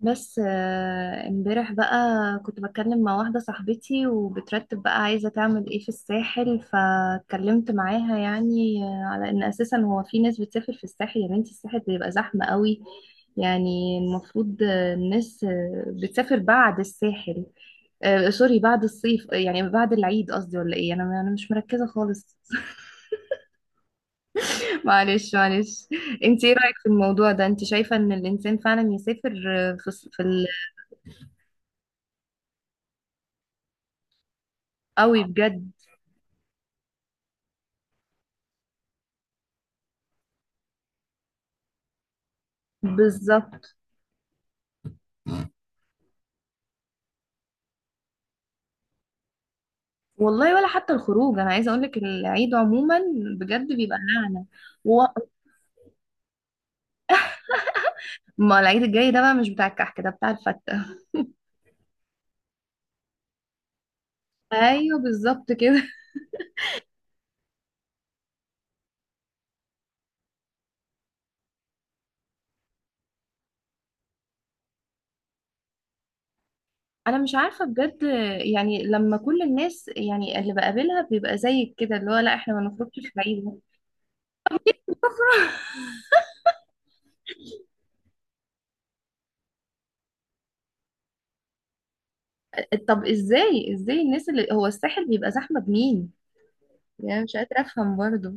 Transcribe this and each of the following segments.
بس امبارح بقى كنت بتكلم مع واحدة صاحبتي وبترتب بقى عايزة تعمل ايه في الساحل، فاتكلمت معاها يعني على ان اساسا هو في ناس بتسافر في الساحل. يا بنتي الساحل بيبقى زحمة قوي. يعني المفروض الناس بتسافر بعد الساحل، سوري، بعد الصيف، يعني بعد العيد قصدي، ولا ايه؟ انا مش مركزة خالص. معلش معلش. انت ايه رأيك في الموضوع ده؟ انت شايفة ان الانسان فعلا يسافر آه، في الص- في ال- قوي، بجد. بالظبط. والله ولا حتى الخروج، انا عايزه اقول لك العيد عموما بجد بيبقى نعنى و... ما العيد الجاي ده بقى مش بتاع الكحك، ده بتاع الفته. ايوه بالظبط كده. انا مش عارفه بجد، يعني لما كل الناس يعني اللي بقابلها بيبقى زيك كده، اللي هو لا، احنا ما نخرجش في العيد. طب ازاي الناس اللي هو الساحل بيبقى زحمه بمين؟ يعني مش قادره افهم برضه.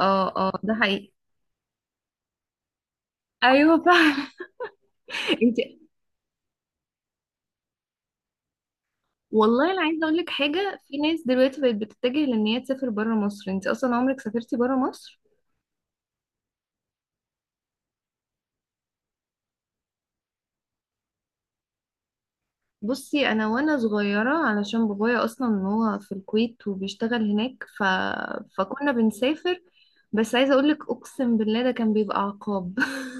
اه اه، ده حقيقي. ايوه فعلا. انت، والله انا عايزه اقول لك حاجه. في ناس دلوقتي بقت بتتجه لان هي تسافر بره مصر. انت اصلا عمرك سافرتي بره مصر؟ بصي، انا وانا صغيره علشان بابايا اصلا هو في الكويت وبيشتغل هناك، فكنا بنسافر. بس عايزه اقول لك، اقسم بالله ده كان بيبقى عقاب.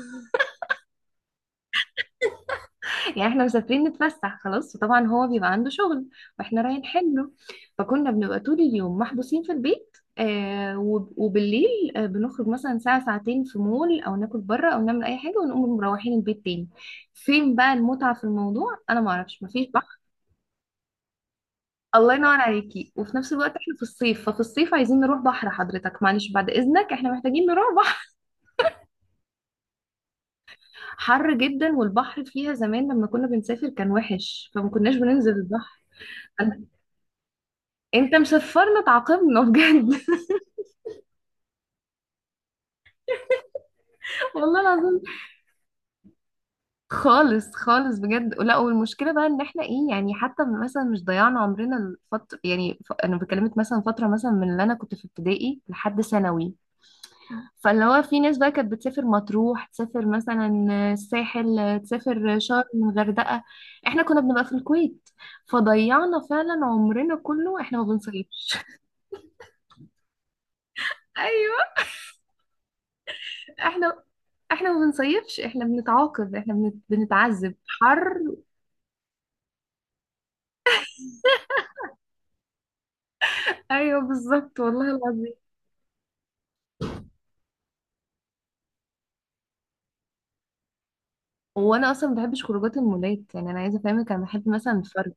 يعني احنا مسافرين نتفسح خلاص، وطبعا هو بيبقى عنده شغل، واحنا رايحين حله. فكنا بنبقى طول اليوم محبوسين في البيت، وبالليل بنخرج مثلا ساعة ساعتين في مول، او ناكل بره، او نعمل اي حاجة، ونقوم مروحين البيت تاني. فين بقى المتعة في الموضوع؟ انا ما اعرفش، مفيش بحر. الله ينور عليكي. وفي نفس الوقت احنا في الصيف، ففي الصيف عايزين نروح بحر. حضرتك معلش، بعد اذنك، احنا محتاجين نروح بحر. حر جدا، والبحر فيها زمان لما كنا بنسافر كان وحش، فما كناش بننزل البحر. انت مشفرنا، تعاقبنا بجد. والله العظيم. خالص خالص، بجد لا. والمشكله بقى ان احنا ايه، يعني حتى مثلا مش ضيعنا عمرنا الفتره، يعني انا بكلمك مثلا فتره مثلا من اللي انا كنت في ابتدائي لحد ثانوي، فاللي هو في ناس بقى كانت بتسافر مطروح، تسافر مثلا الساحل، تسافر شرم، الغردقه. احنا كنا بنبقى في الكويت، فضيعنا فعلا عمرنا كله، احنا ما بنصيفش. ايوه. احنا احنا ما بنصيفش، احنا بنتعاقب، احنا بنتعذب حر. ايوه بالظبط، والله العظيم. وانا اصلا ما بحبش خروجات المولات، يعني انا عايزه افهمك، انا بحب مثلا الفرد.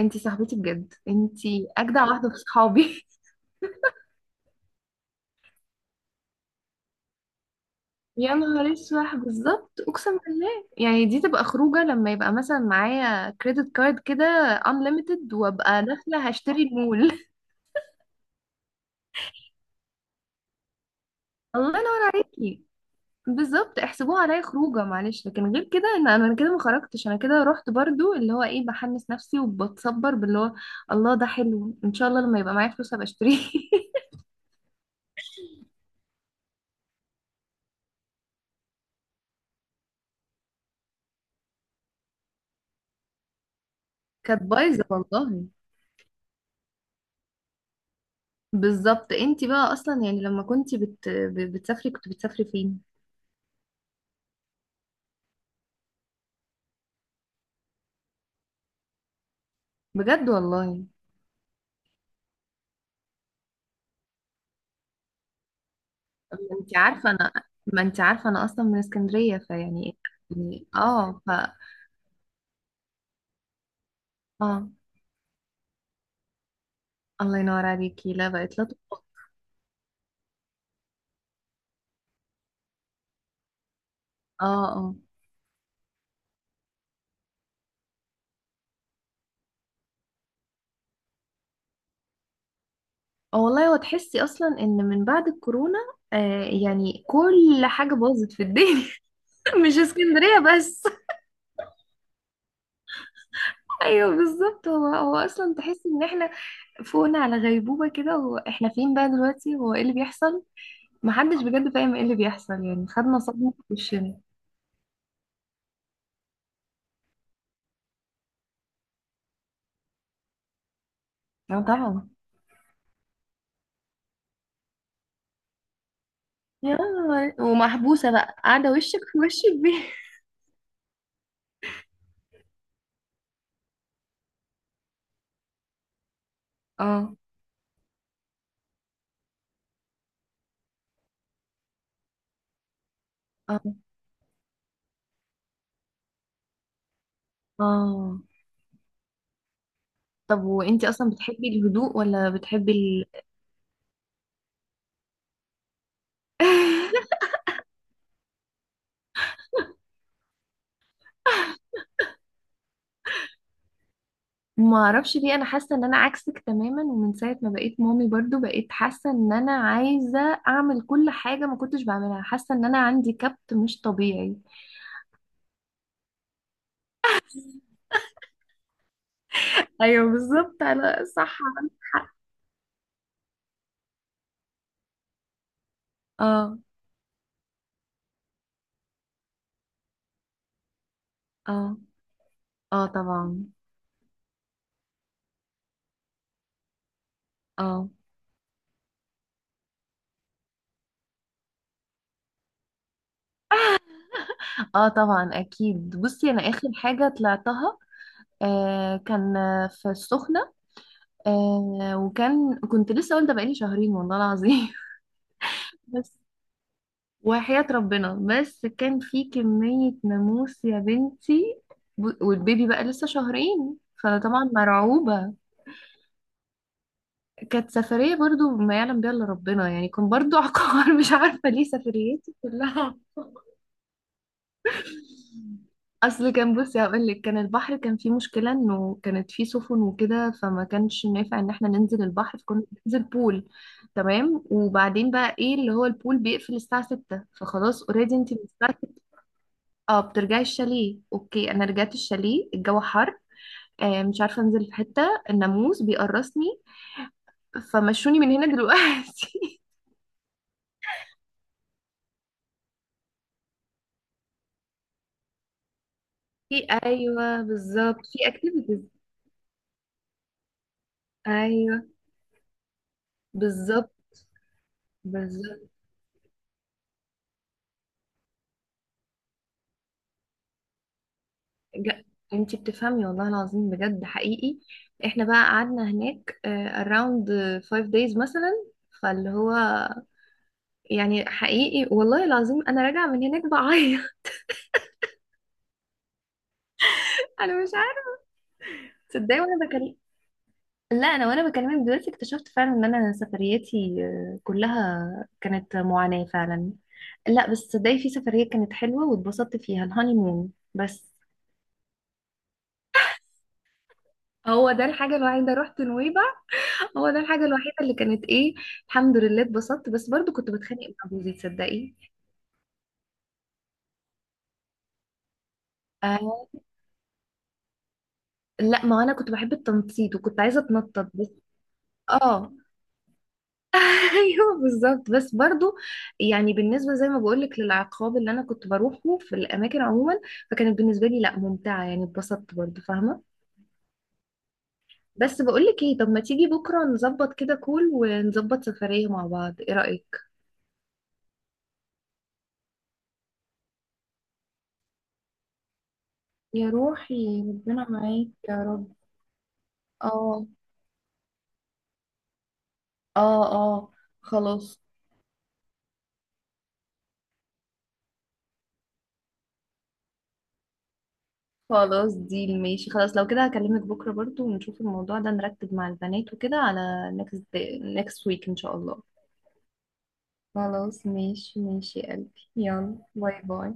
انتي صاحبتي بجد، انتي اجدع واحده في صحابي. يا نهار اسود، بالظبط، اقسم بالله، يعني دي تبقى خروجه لما يبقى مثلا معايا كريدت كارد كده unlimited، وابقى داخله هشتري المول. الله ينور عليكي. بالظبط، احسبوها عليا خروجه. معلش، لكن غير كده، ان انا كده ما خرجتش، انا كده رحت برضو، اللي هو ايه، بحمس نفسي وبتصبر باللي هو الله ده حلو، ان شاء الله لما يبقى معايا فلوس هبقى اشتريه. كانت بايظه والله. بالظبط، انتي بقى اصلا يعني لما كنتي بتسافري كنت بتسافري فين؟ بجد والله. ما انتي عارفه انا ما انتي عارفه انا اصلا من اسكندريه، فيعني. يعني اه اه. الله ينور عليكي. لا، بقت لا تطاق. اه. آه. اه والله، هو تحسي اصلا ان من بعد الكورونا، يعني كل حاجه باظت في الدنيا. مش اسكندريه بس. ايوه بالظبط، هو اصلا تحسي ان احنا فوقنا على غيبوبه كده. هو احنا فين بقى دلوقتي؟ هو ايه اللي بيحصل؟ محدش بجد فاهم ايه اللي بيحصل، يعني خدنا صدمه في وشنا. اه طبعا. يا، ومحبوسه بقى قاعده وشك في وش البيت. اه. اه. اه. طب وانتي اصلا بتحبي الهدوء ولا بتحبي ال... ما اعرفش ليه، انا حاسه ان انا عكسك تماما، ومن ساعه ما بقيت مامي برضو بقيت حاسه ان انا عايزه اعمل كل حاجه ما كنتش بعملها، حاسه ان انا عندي كبت مش طبيعي. ايوه بالظبط، انا صح، عندك حق. اه. اه. اه طبعا. اه. اه طبعا، اكيد. بصي انا اخر حاجه طلعتها كان في السخنه، وكان كنت لسه والده بقالي شهرين والله العظيم. بس، وحياة ربنا، بس كان في كمية ناموس يا بنتي، والبيبي بقى لسه شهرين، فطبعا مرعوبة. كانت سفرية برضو ما يعلم بيها إلا ربنا، يعني كان برضو عقار. مش عارفة ليه سفرياتي كلها، أصل كان، بصي هقولك، كان البحر كان فيه مشكلة، إنه كانت فيه سفن وكده، فما كانش نافع إن احنا ننزل البحر، فكنا بننزل بول. تمام، وبعدين بقى إيه، اللي هو البول بيقفل الساعة ستة، فخلاص اوريدي انتي من الساعة. اه بترجعي الشاليه، اوكي انا رجعت الشاليه، الجو حر، مش عارفه انزل في حته، الناموس بيقرصني، فمشوني من هنا دلوقتي. في، ايوه بالظبط، في اكتيفيتيز. ايوه بالظبط، بالظبط جا- انتي بتفهمي، والله العظيم بجد حقيقي. احنا بقى قعدنا هناك اراوند 5 دايز مثلا، فاللي هو يعني حقيقي والله العظيم، انا راجعه من هناك بعيط. انا مش عارفه، تصدقي وانا بكلم. لا، انا وانا بكلمك دلوقتي اكتشفت فعلا ان انا سفرياتي كلها كانت معاناة فعلا. لا بس صدقني في سفرية كانت حلوة واتبسطت فيها، الهاني مون بس. هو ده الحاجة الوحيدة، رحت نويبع. هو ده الحاجة الوحيدة اللي كانت ايه، الحمد لله اتبسطت، بس برضو كنت بتخانق مع جوزي تصدقي. آه لا، ما انا كنت بحب التنطيط وكنت عايزة اتنطط بس. اه. ايوه بالظبط، بس برضو يعني بالنسبه زي ما بقولك للعقاب اللي انا كنت بروحه في الاماكن عموما، فكانت بالنسبه لي لا ممتعه، يعني اتبسطت برضو فاهمه. بس بقولك ايه، طب ما تيجي بكره نظبط كده كول، ونظبط سفريه مع بعض، ايه رايك؟ يا روحي، ربنا معاك يا رب. اه. اه. اه خلاص. خلاص دي ماشي، خلاص لو كده هكلمك بكره برضو، ونشوف الموضوع ده، نرتب مع البنات وكده على next day next week ان شاء الله. خلاص، ماشي ماشي يا قلبي، يلا باي باي.